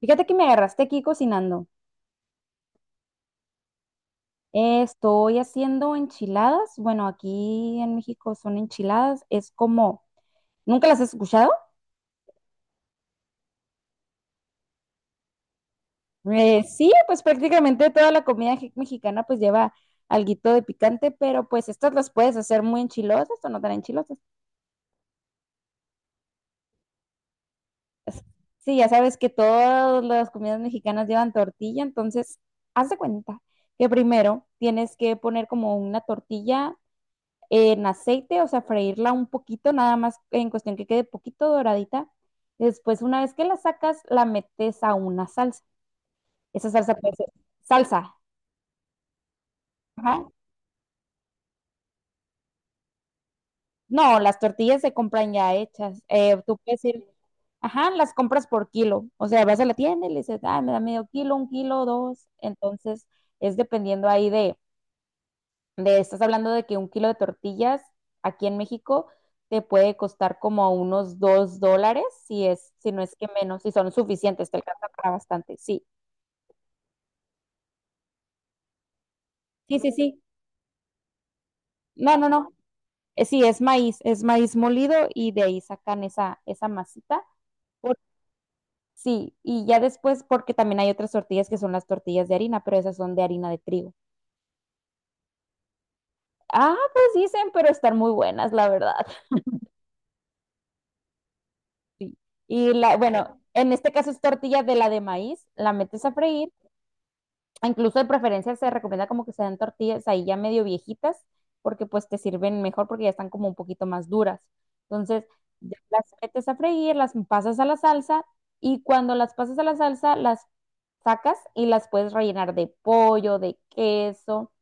Fíjate que me agarraste aquí cocinando. Estoy haciendo enchiladas. Bueno, aquí en México son enchiladas. Es como, ¿nunca las has escuchado? Sí, pues prácticamente toda la comida mexicana pues lleva alguito de picante, pero pues estas las puedes hacer muy enchilosas o no tan enchilosas. Sí, ya sabes que todas las comidas mexicanas llevan tortilla, entonces haz de cuenta que primero tienes que poner como una tortilla en aceite, o sea, freírla un poquito, nada más en cuestión que quede poquito doradita. Después, una vez que la sacas, la metes a una salsa. Esa salsa puede ser salsa. Ajá. No, las tortillas se compran ya hechas. Tú puedes ir, ajá, las compras por kilo. O sea, vas a la tienda y le dices, ah, me da medio kilo, un kilo, dos. Entonces, es dependiendo ahí estás hablando de que un kilo de tortillas aquí en México te puede costar como unos $2, si es, si no es que menos, si son suficientes, te alcanza para bastante. Sí, sí, sí, sí. No, no, no. Sí, es maíz molido y de ahí sacan esa masita. Por- sí, y ya después, porque también hay otras tortillas que son las tortillas de harina, pero esas son de harina de trigo. Ah, pues dicen, pero están muy buenas, la verdad. Y la, bueno, en este caso es tortilla de la de maíz, la metes a freír. Incluso de preferencia se recomienda como que se den tortillas ahí ya medio viejitas, porque pues te sirven mejor porque ya están como un poquito más duras. Entonces, ya las metes a freír, las pasas a la salsa y cuando las pasas a la salsa, las sacas y las puedes rellenar de pollo, de queso,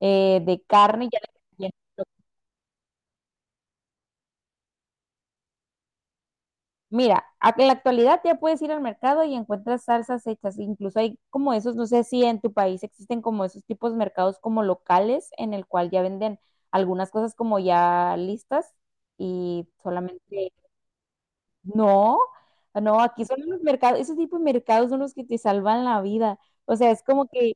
de carne, y ya le Mira, en la actualidad ya puedes ir al mercado y encuentras salsas hechas. Incluso hay como esos, no sé si en tu país existen como esos tipos de mercados como locales en el cual ya venden algunas cosas como ya listas y solamente. No, no, aquí son los mercados, esos tipos de mercados son los que te salvan la vida. O sea, es como que.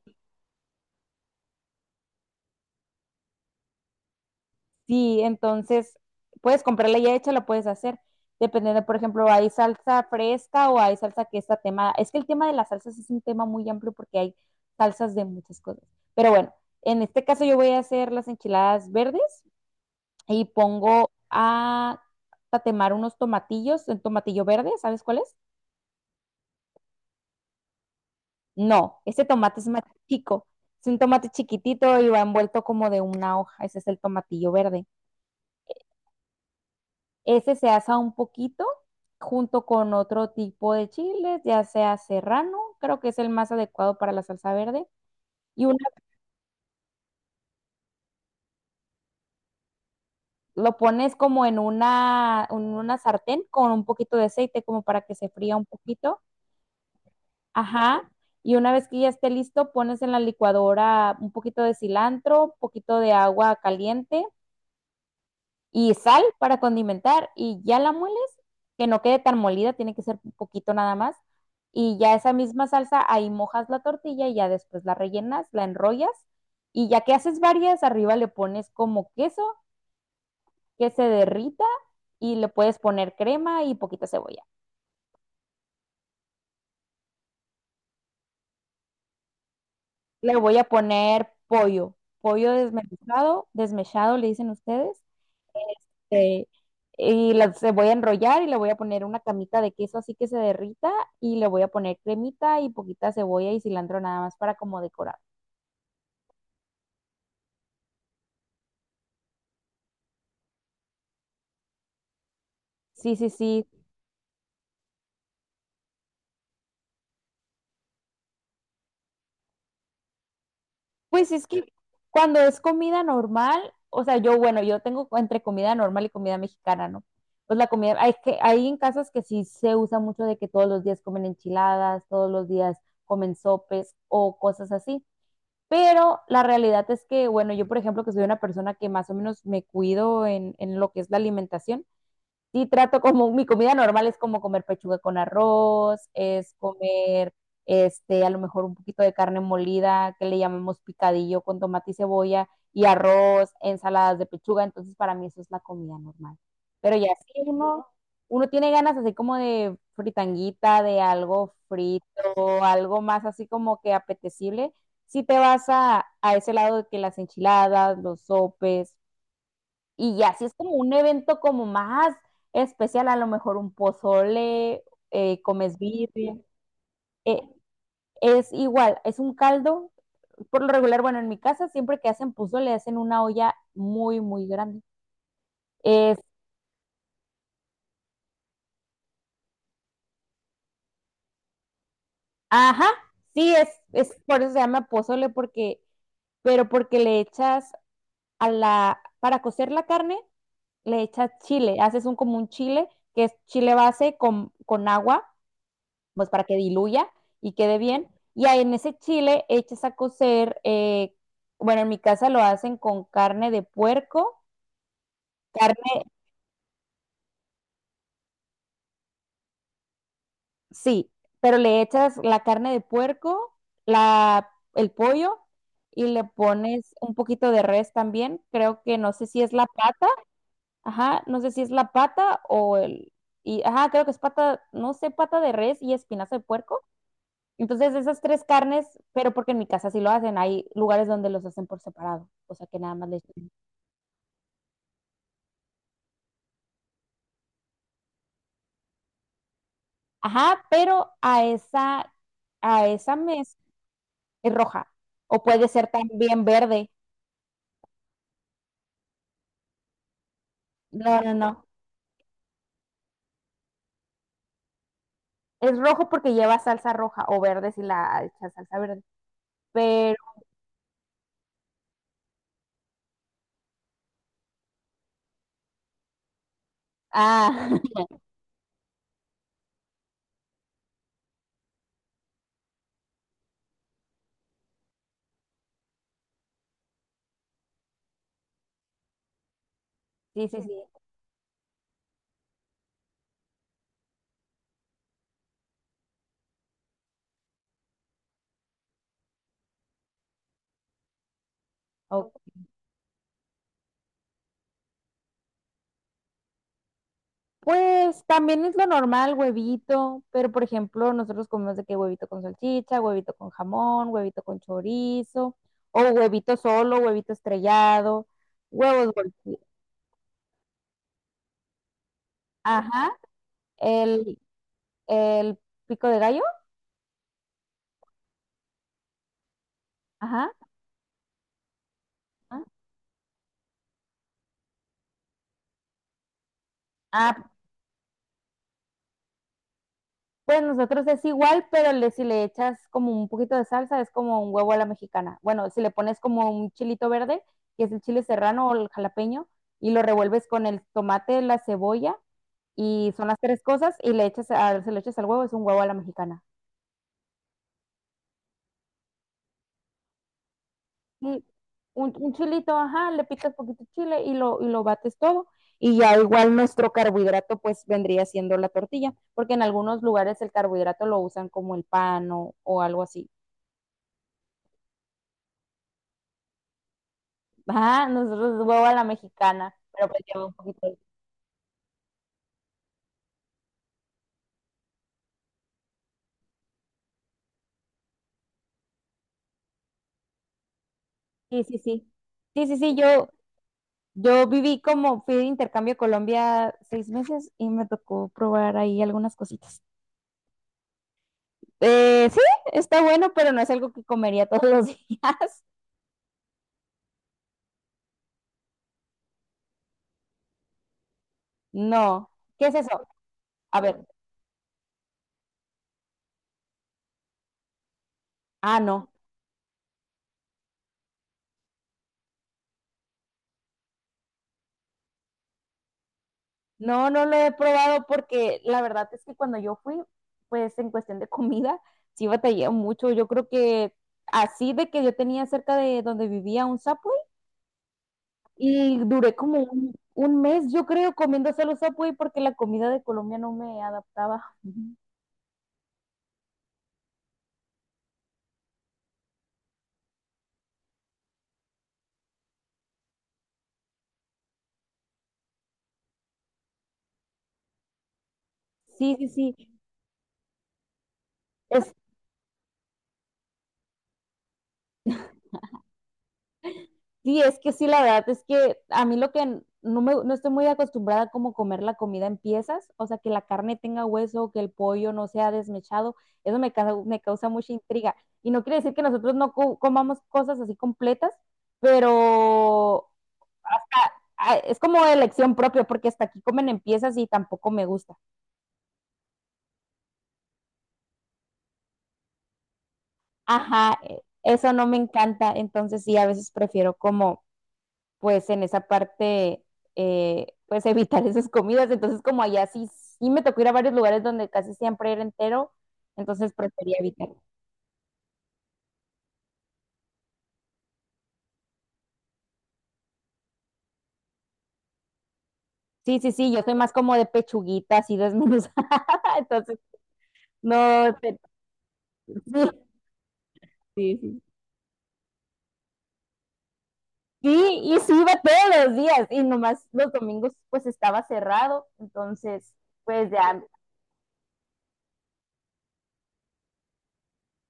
Sí, entonces puedes comprarla ya hecha, la puedes hacer. Dependiendo, por ejemplo, hay salsa fresca o hay salsa que está temada. Es que el tema de las salsas es un tema muy amplio porque hay salsas de muchas cosas. Pero bueno, en este caso yo voy a hacer las enchiladas verdes y pongo a tatemar unos tomatillos, el tomatillo verde, ¿sabes cuál es? No, ese tomate es más chico. Es un tomate chiquitito y va envuelto como de una hoja. Ese es el tomatillo verde. Ese se asa un poquito junto con otro tipo de chiles, ya sea serrano, creo que es el más adecuado para la salsa verde. Y una, lo pones como en una, sartén con un poquito de aceite, como para que se fría un poquito. Ajá. Y una vez que ya esté listo, pones en la licuadora un poquito de cilantro, un poquito de agua caliente y sal para condimentar y ya la mueles, que no quede tan molida, tiene que ser un poquito nada más. Y ya esa misma salsa, ahí mojas la tortilla y ya después la rellenas, la enrollas y ya que haces varias, arriba le pones como queso que se derrita y le puedes poner crema y poquita cebolla. Le voy a poner pollo, pollo desmenuzado, desmechado le dicen ustedes. Este, y la se voy a enrollar y le voy a poner una camita de queso así que se derrita y le voy a poner cremita y poquita cebolla y cilantro nada más para como decorar. Sí, sí, sí. Pues es que cuando es comida normal, o sea, yo, bueno, yo tengo entre comida normal y comida mexicana, ¿no? Pues la comida, hay en casas que sí se usa mucho de que todos los días comen enchiladas, todos los días comen sopes o cosas así. Pero la realidad es que, bueno, yo por ejemplo, que soy una persona que más o menos me cuido en, lo que es la alimentación, sí trato como, mi comida normal es como comer pechuga con arroz, es comer, a lo mejor un poquito de carne molida, que le llamamos picadillo con tomate y cebolla, y arroz, ensaladas de pechuga, entonces para mí eso es la comida normal. Pero ya si uno, tiene ganas así como de fritanguita, de algo frito, algo más así como que apetecible, si te vas a ese lado de que las enchiladas, los sopes, y ya, si es como un evento como más especial, a lo mejor un pozole, comes birria. eh, es igual, es un caldo. Por lo regular, bueno, en mi casa siempre que hacen pozole hacen una olla muy, muy grande. Es. Ajá. Sí, es, por eso se llama pozole, pero porque le echas a la, para cocer la carne, le echas chile, haces un como un chile, que es chile base con agua pues para que diluya y quede bien. Y ahí en ese chile echas a cocer, bueno, en mi casa lo hacen con carne de puerco, carne, sí, pero le echas la carne de puerco, la, el pollo y le pones un poquito de res también. Creo que no sé si es la pata, ajá, no sé si es la pata o el, y, ajá, creo que es pata, no sé, pata de res y espinazo de puerco. Entonces esas tres carnes, pero porque en mi casa sí lo hacen, hay lugares donde los hacen por separado, o sea que nada más le echan. Ajá, pero a esa mezcla es roja, o puede ser también verde. No, no, no. Es rojo porque lleva salsa roja, o verde si la echas salsa verde. Pero, ah, sí, sí, sí. Pues también es lo normal, huevito, pero por ejemplo, nosotros comemos de que huevito con salchicha, huevito con jamón, huevito con chorizo, o huevito solo, huevito estrellado, huevos golpeados. Ajá, el, el, pico de gallo, ajá. Ajá. Ah, pues nosotros es igual, pero le, si le echas como un poquito de salsa, es como un huevo a la mexicana. Bueno, si le pones como un chilito verde, que es el chile serrano o el jalapeño, y lo revuelves con el tomate, la cebolla y son las tres cosas y le echas se lo echas al huevo, es un huevo a la mexicana. Y un, chilito, ajá, le picas poquito chile y lo bates todo. Y ya igual nuestro carbohidrato pues vendría siendo la tortilla, porque en algunos lugares el carbohidrato lo usan como el pan o, algo así. Ajá, nosotros es huevo a la mexicana, pero pues lleva un poquito de... Sí, sí, sí. Sí, sí, sí, yo viví como, fui de intercambio a Colombia 6 meses y me tocó probar ahí algunas cositas. Sí, está bueno, pero no es algo que comería todos los días. No. ¿Qué es eso? A ver. Ah, no. No, no lo he probado porque la verdad es que cuando yo fui, pues en cuestión de comida, sí batallé mucho. Yo creo que así de que yo tenía cerca de donde vivía un Subway y duré como un mes, yo creo, comiendo solo Subway porque la comida de Colombia no me adaptaba. Sí, sí, sí. Sí, es que sí, la verdad es que a mí lo que no me, no estoy muy acostumbrada a como comer la comida en piezas, o sea, que la carne tenga hueso, que el pollo no sea desmechado, eso me, me causa mucha intriga. Y no quiere decir que nosotros no comamos cosas así completas, pero ah, es como elección propia, porque hasta aquí comen en piezas y tampoco me gusta. Ajá, eso no me encanta, entonces sí, a veces prefiero como pues en esa parte, pues evitar esas comidas. Entonces, como allá sí, sí me tocó ir a varios lugares donde casi siempre era entero, entonces prefería evitar. Sí, sí, sí, yo soy más como de pechuguita, así desmenuzada, entonces no, sí, sí, sí. Sí, y sí iba todos los días, y nomás los domingos pues estaba cerrado, entonces pues ya,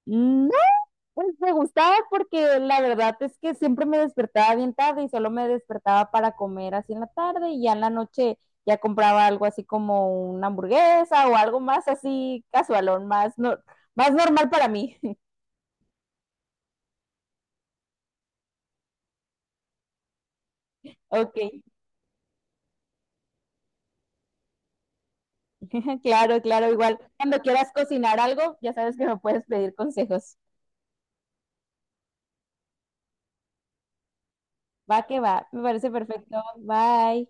mm, Pues me gustaba porque la verdad es que siempre me despertaba bien tarde y solo me despertaba para comer así en la tarde y ya en la noche ya compraba algo así como una hamburguesa o algo más así casualón, más, no, más normal para mí. Ok, claro, claro, igual. Cuando quieras cocinar algo, ya sabes que me puedes pedir consejos. Va que va, me parece perfecto. Bye.